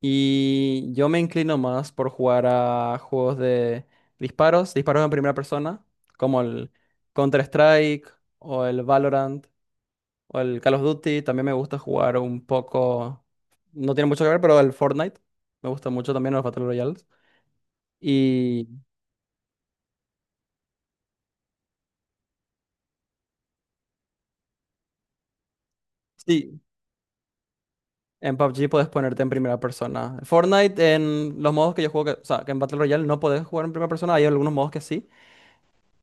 Y yo me inclino más por jugar a juegos de disparos, disparos en primera persona, como el Counter-Strike o el Valorant o el Call of Duty. También me gusta jugar un poco, no tiene mucho que ver, pero el Fortnite. Me gusta mucho también los Battle Royales. Y sí, en PUBG puedes ponerte en primera persona. Fortnite en los modos que yo juego, o sea, que en Battle Royale no podés jugar en primera persona, hay algunos modos que sí.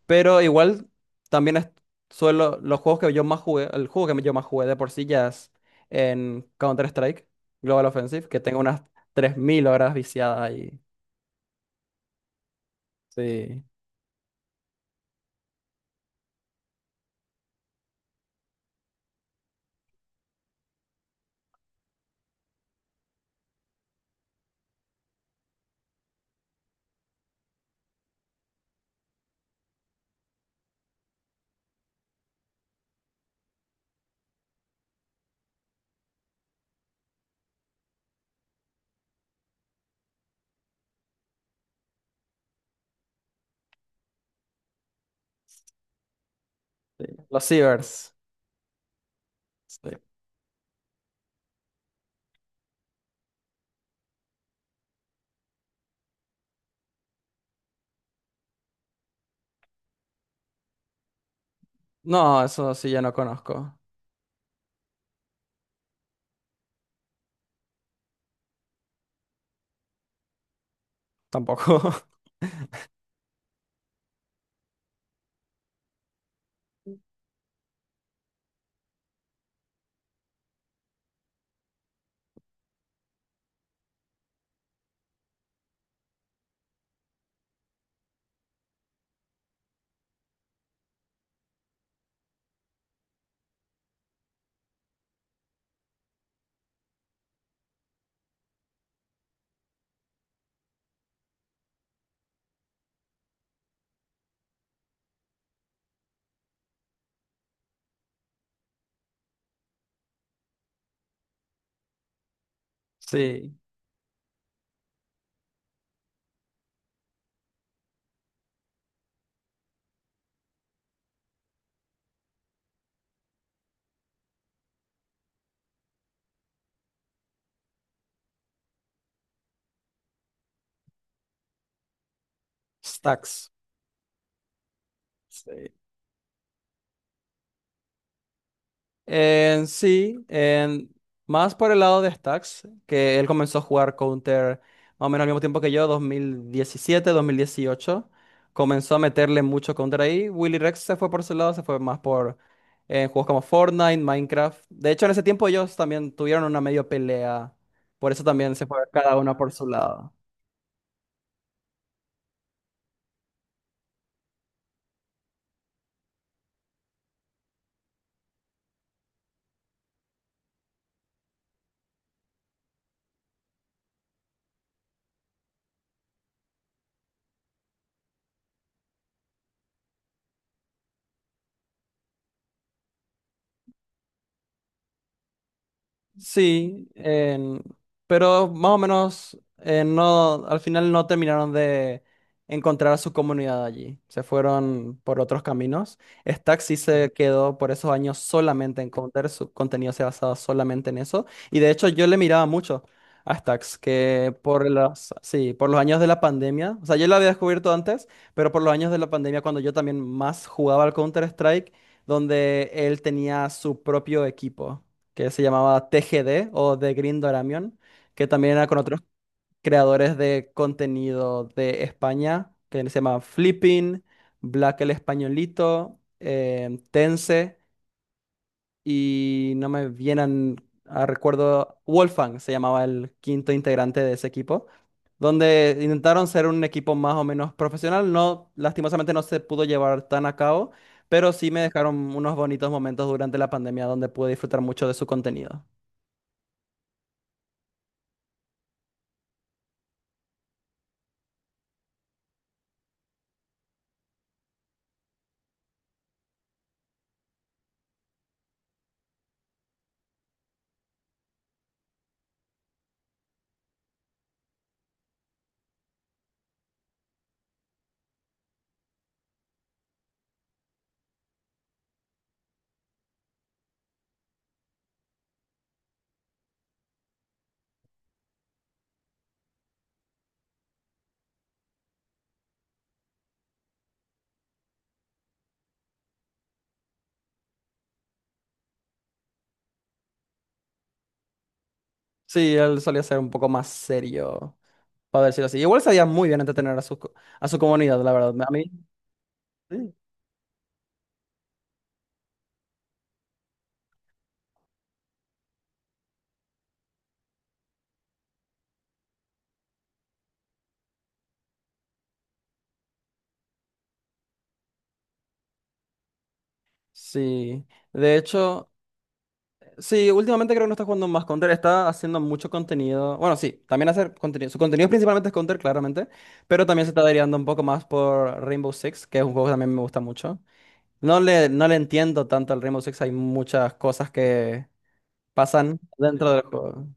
Pero igual también es, suelo, los juegos que yo más jugué, el juego que yo más jugué de por sí ya es en Counter-Strike, Global Offensive, que tengo unas 3000 horas viciadas ahí. Sí, sí. Los cibers. Sí. No, eso sí yo no conozco. Tampoco. Sí. Stacks. Sí. En sí, en, más por el lado de Stacks, que él comenzó a jugar Counter más o menos al mismo tiempo que yo, dos mil diecisiete, 2018. Comenzó a meterle mucho Counter ahí. Willy Rex se fue por ese lado, se fue más por juegos como Fortnite, Minecraft. De hecho, en ese tiempo ellos también tuvieron una medio pelea. Por eso también se fue cada uno por su lado. Sí, pero más o menos no, al final no terminaron de encontrar a su comunidad allí. Se fueron por otros caminos. Stack sí se quedó por esos años solamente en Counter, su contenido se basaba solamente en eso. Y de hecho yo le miraba mucho a Stacks, que por los, sí, por los años de la pandemia, o sea, yo lo había descubierto antes, pero por los años de la pandemia, cuando yo también más jugaba al Counter-Strike, donde él tenía su propio equipo que se llamaba TGD o The Green Doramion, que también era con otros creadores de contenido de España, que se llama Flipping, Black el Españolito, Tense, y no me vienen a recuerdo, Wolfgang se llamaba el 5.º integrante de ese equipo, donde intentaron ser un equipo más o menos profesional, no, lastimosamente no se pudo llevar tan a cabo. Pero sí me dejaron unos bonitos momentos durante la pandemia donde pude disfrutar mucho de su contenido. Sí, él solía ser un poco más serio, para decirlo así. Igual sabía muy bien entretener a su, a su comunidad, la verdad. A mí, sí. Sí. De hecho, sí, últimamente creo que no está jugando más Counter, está haciendo mucho contenido. Bueno, sí, también hacer contenido. Su contenido principalmente es Counter, claramente, pero también se está derivando un poco más por Rainbow Six, que es un juego que también me gusta mucho. No le entiendo tanto al Rainbow Six, hay muchas cosas que pasan dentro del juego.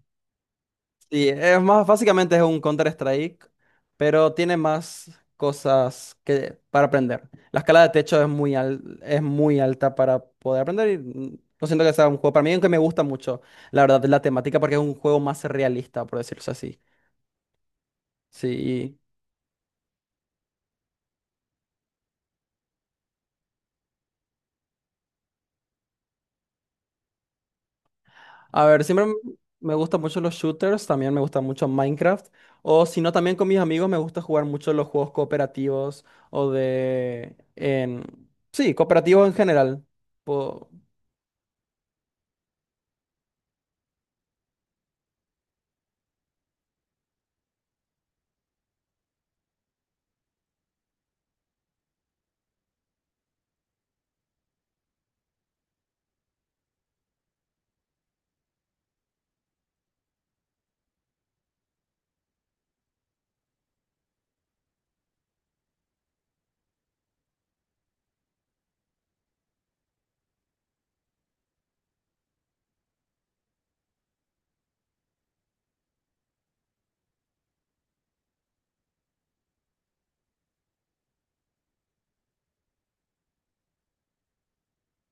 Sí, es más, básicamente es un Counter-Strike, pero tiene más cosas que, para aprender. La escala de techo es muy, es muy alta para poder aprender y no siento que sea un juego para mí, aunque me gusta mucho, la verdad, la temática porque es un juego más realista, por decirlo así. Sí, a ver, siempre me gustan mucho los shooters, también me gusta mucho Minecraft, o si no, también con mis amigos me gusta jugar mucho los juegos cooperativos o de... En, sí, cooperativos en general.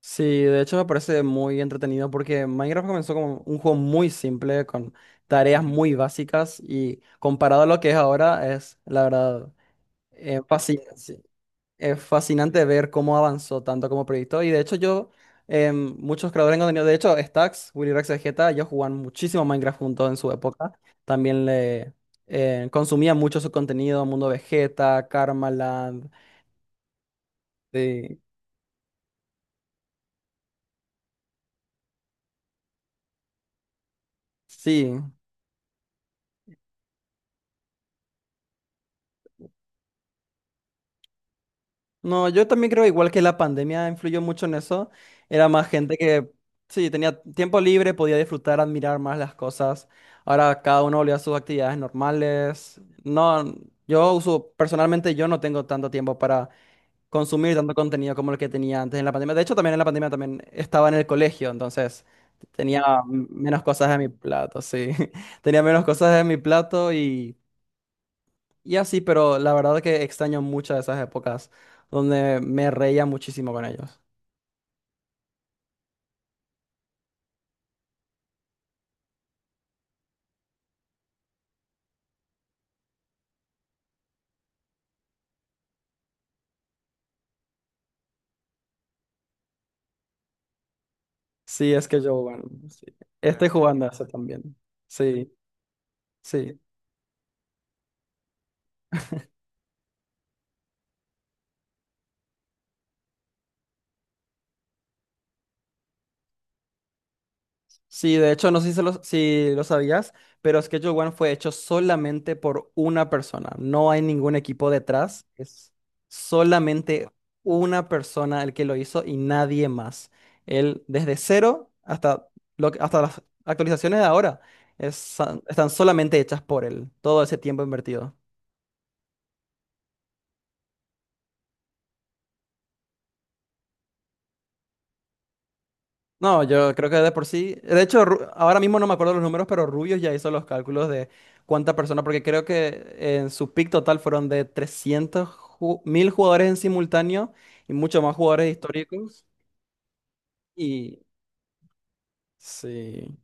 Sí, de hecho me parece muy entretenido porque Minecraft comenzó como un juego muy simple, con tareas muy básicas y comparado a lo que es ahora, es la verdad fascinante, sí. Es fascinante ver cómo avanzó tanto como proyecto. Y de hecho yo, muchos creadores de contenido, de hecho Stax, Willy Rex Vegeta, ellos jugaban muchísimo Minecraft juntos en su época. También le consumían mucho su contenido, Mundo Vegeta, Karmaland. Sí, sí. No, yo también creo igual que la pandemia influyó mucho en eso. Era más gente que, sí, tenía tiempo libre, podía disfrutar, admirar más las cosas. Ahora cada uno volvió a sus actividades normales. No, yo uso, personalmente yo no tengo tanto tiempo para consumir tanto contenido como el que tenía antes en la pandemia. De hecho, también en la pandemia también estaba en el colegio, entonces tenía menos cosas en mi plato, sí. Tenía menos cosas en mi plato y así, pero la verdad que extraño muchas de esas épocas donde me reía muchísimo con ellos. Sí, es que yo, bueno, sí. Estoy Ah, jugando a eso también. Sí, sí. Sí, de hecho, no sé si, se lo, si lo sabías, pero Schedule One fue hecho solamente por una persona. No hay ningún equipo detrás. Es solamente una persona el que lo hizo y nadie más. Él, desde cero hasta, lo, hasta las actualizaciones de ahora, es- están solamente hechas por él. Todo ese tiempo invertido. No, yo creo que de por sí. De hecho, ahora mismo no me acuerdo los números, pero Rubios ya hizo los cálculos de cuánta persona, porque creo que en su pick total fueron de 300.000 jugadores en simultáneo y muchos más jugadores históricos. Y sí,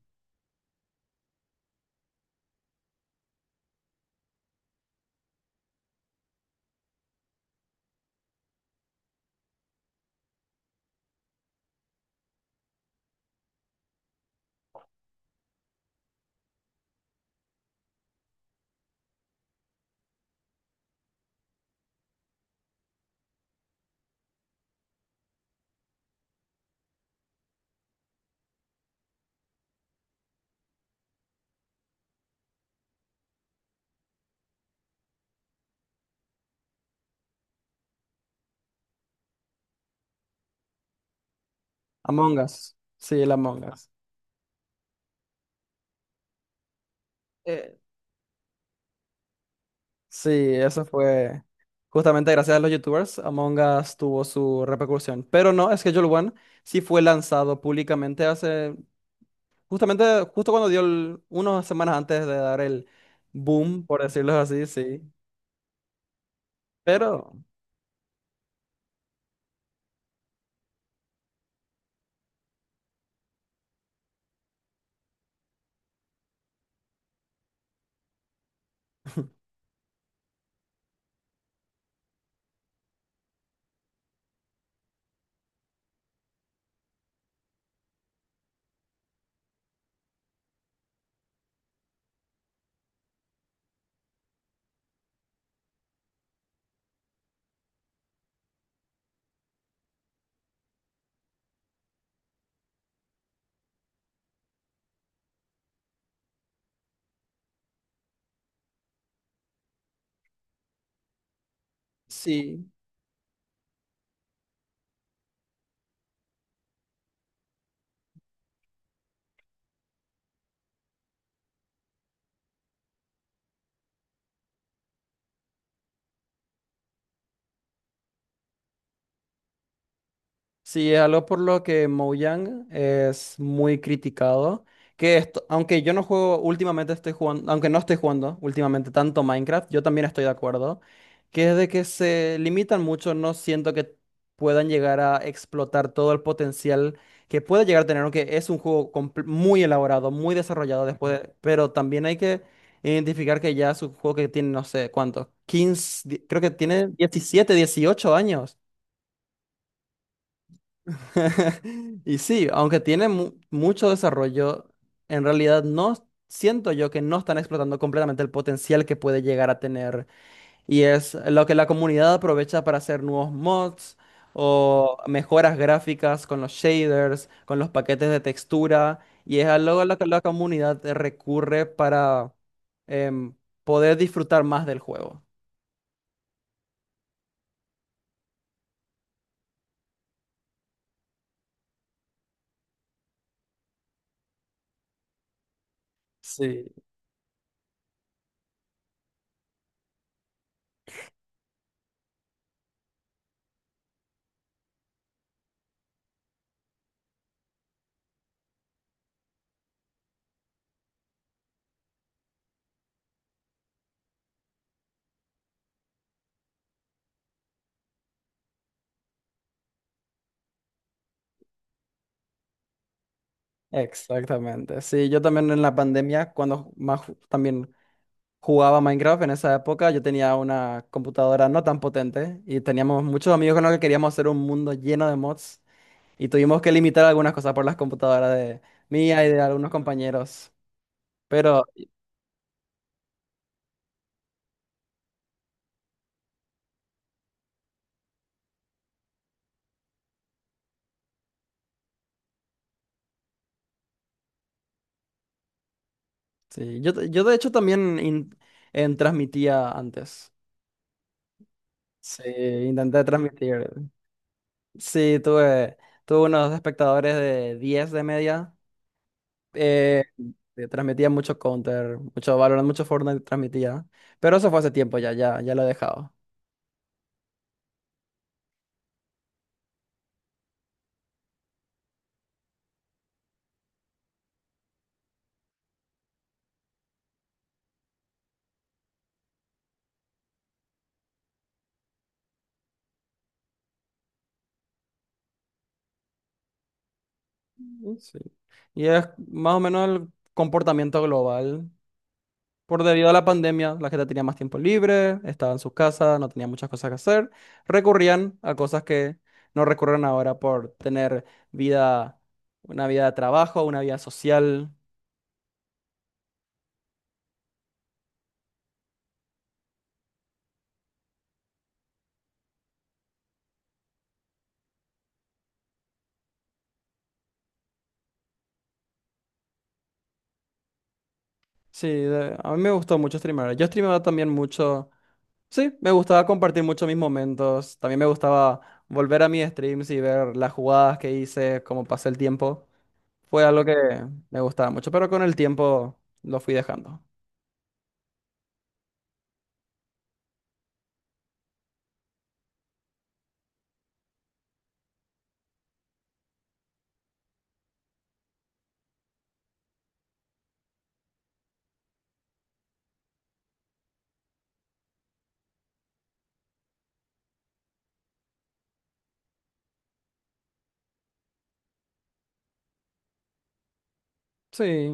Among Us. Sí, el Among Us. Eh, sí, eso fue justamente gracias a los YouTubers. Among Us tuvo su repercusión. Pero no, Schedule One sí fue lanzado públicamente hace. Justamente, justo cuando dio el, unas semanas antes de dar el boom, por decirlo así, sí. Pero sí, sí, es algo por lo que Mojang es muy criticado. Que esto, aunque yo no juego, últimamente estoy jugando, aunque no estoy jugando últimamente tanto Minecraft, yo también estoy de acuerdo. Que es de que se limitan mucho, no siento que puedan llegar a explotar todo el potencial que puede llegar a tener, aunque es un juego muy elaborado, muy desarrollado después, pero también hay que identificar que ya es un juego que tiene, no sé cuánto, 15, creo que tiene 17, 18 años. Y sí, aunque tiene mucho desarrollo, en realidad no siento yo que no están explotando completamente el potencial que puede llegar a tener. Y es lo que la comunidad aprovecha para hacer nuevos mods o mejoras gráficas con los shaders, con los paquetes de textura. Y es algo a lo que la comunidad recurre para em, poder disfrutar más del juego. Sí, exactamente. Sí, yo también en la pandemia, cuando más también jugaba Minecraft en esa época. Yo tenía una computadora no tan potente y teníamos muchos amigos con los que queríamos hacer un mundo lleno de mods y tuvimos que limitar algunas cosas por las computadoras de mía y de algunos compañeros. Pero sí, yo de hecho también in- en transmitía antes. Sí, intenté transmitir. Sí, tuve, tuve unos espectadores de 10 de media. Eh, transmitía mucho Counter, mucho Valorant, mucho Fortnite transmitía. Pero eso fue hace tiempo ya, ya, ya lo he dejado. Sí. Y es más o menos el comportamiento global. Por debido a la pandemia, la gente tenía más tiempo libre, estaba en sus casas, no tenía muchas cosas que hacer, recurrían a cosas que no recurren ahora por tener vida, una vida de trabajo, una vida social. Sí, a mí me gustó mucho streamear. Yo streameaba también mucho. Sí, me gustaba compartir mucho mis momentos. También me gustaba volver a mis streams y ver las jugadas que hice, cómo pasé el tiempo. Fue algo que me gustaba mucho, pero con el tiempo lo fui dejando. Sí,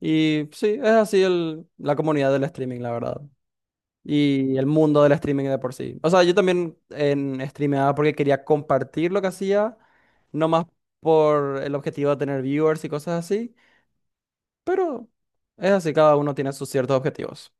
y sí, es así el, la comunidad del streaming, la verdad. Y el mundo del streaming de por sí. O sea, yo también en streameaba porque quería compartir lo que hacía, no más por el objetivo de tener viewers y cosas así, pero es así, cada uno tiene sus ciertos objetivos.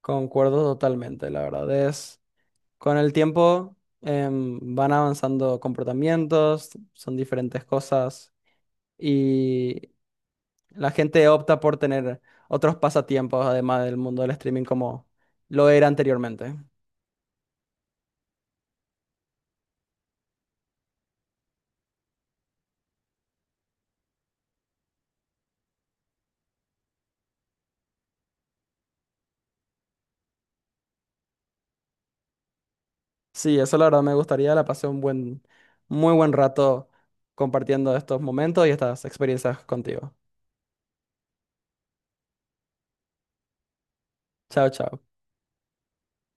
Concuerdo totalmente, la verdad es, con el tiempo van avanzando comportamientos, son diferentes cosas. Y la gente opta por tener otros pasatiempos además del mundo del streaming como lo era anteriormente. Sí, eso la verdad me gustaría, la pasé un buen, muy buen rato compartiendo estos momentos y estas experiencias contigo. Chao, chao.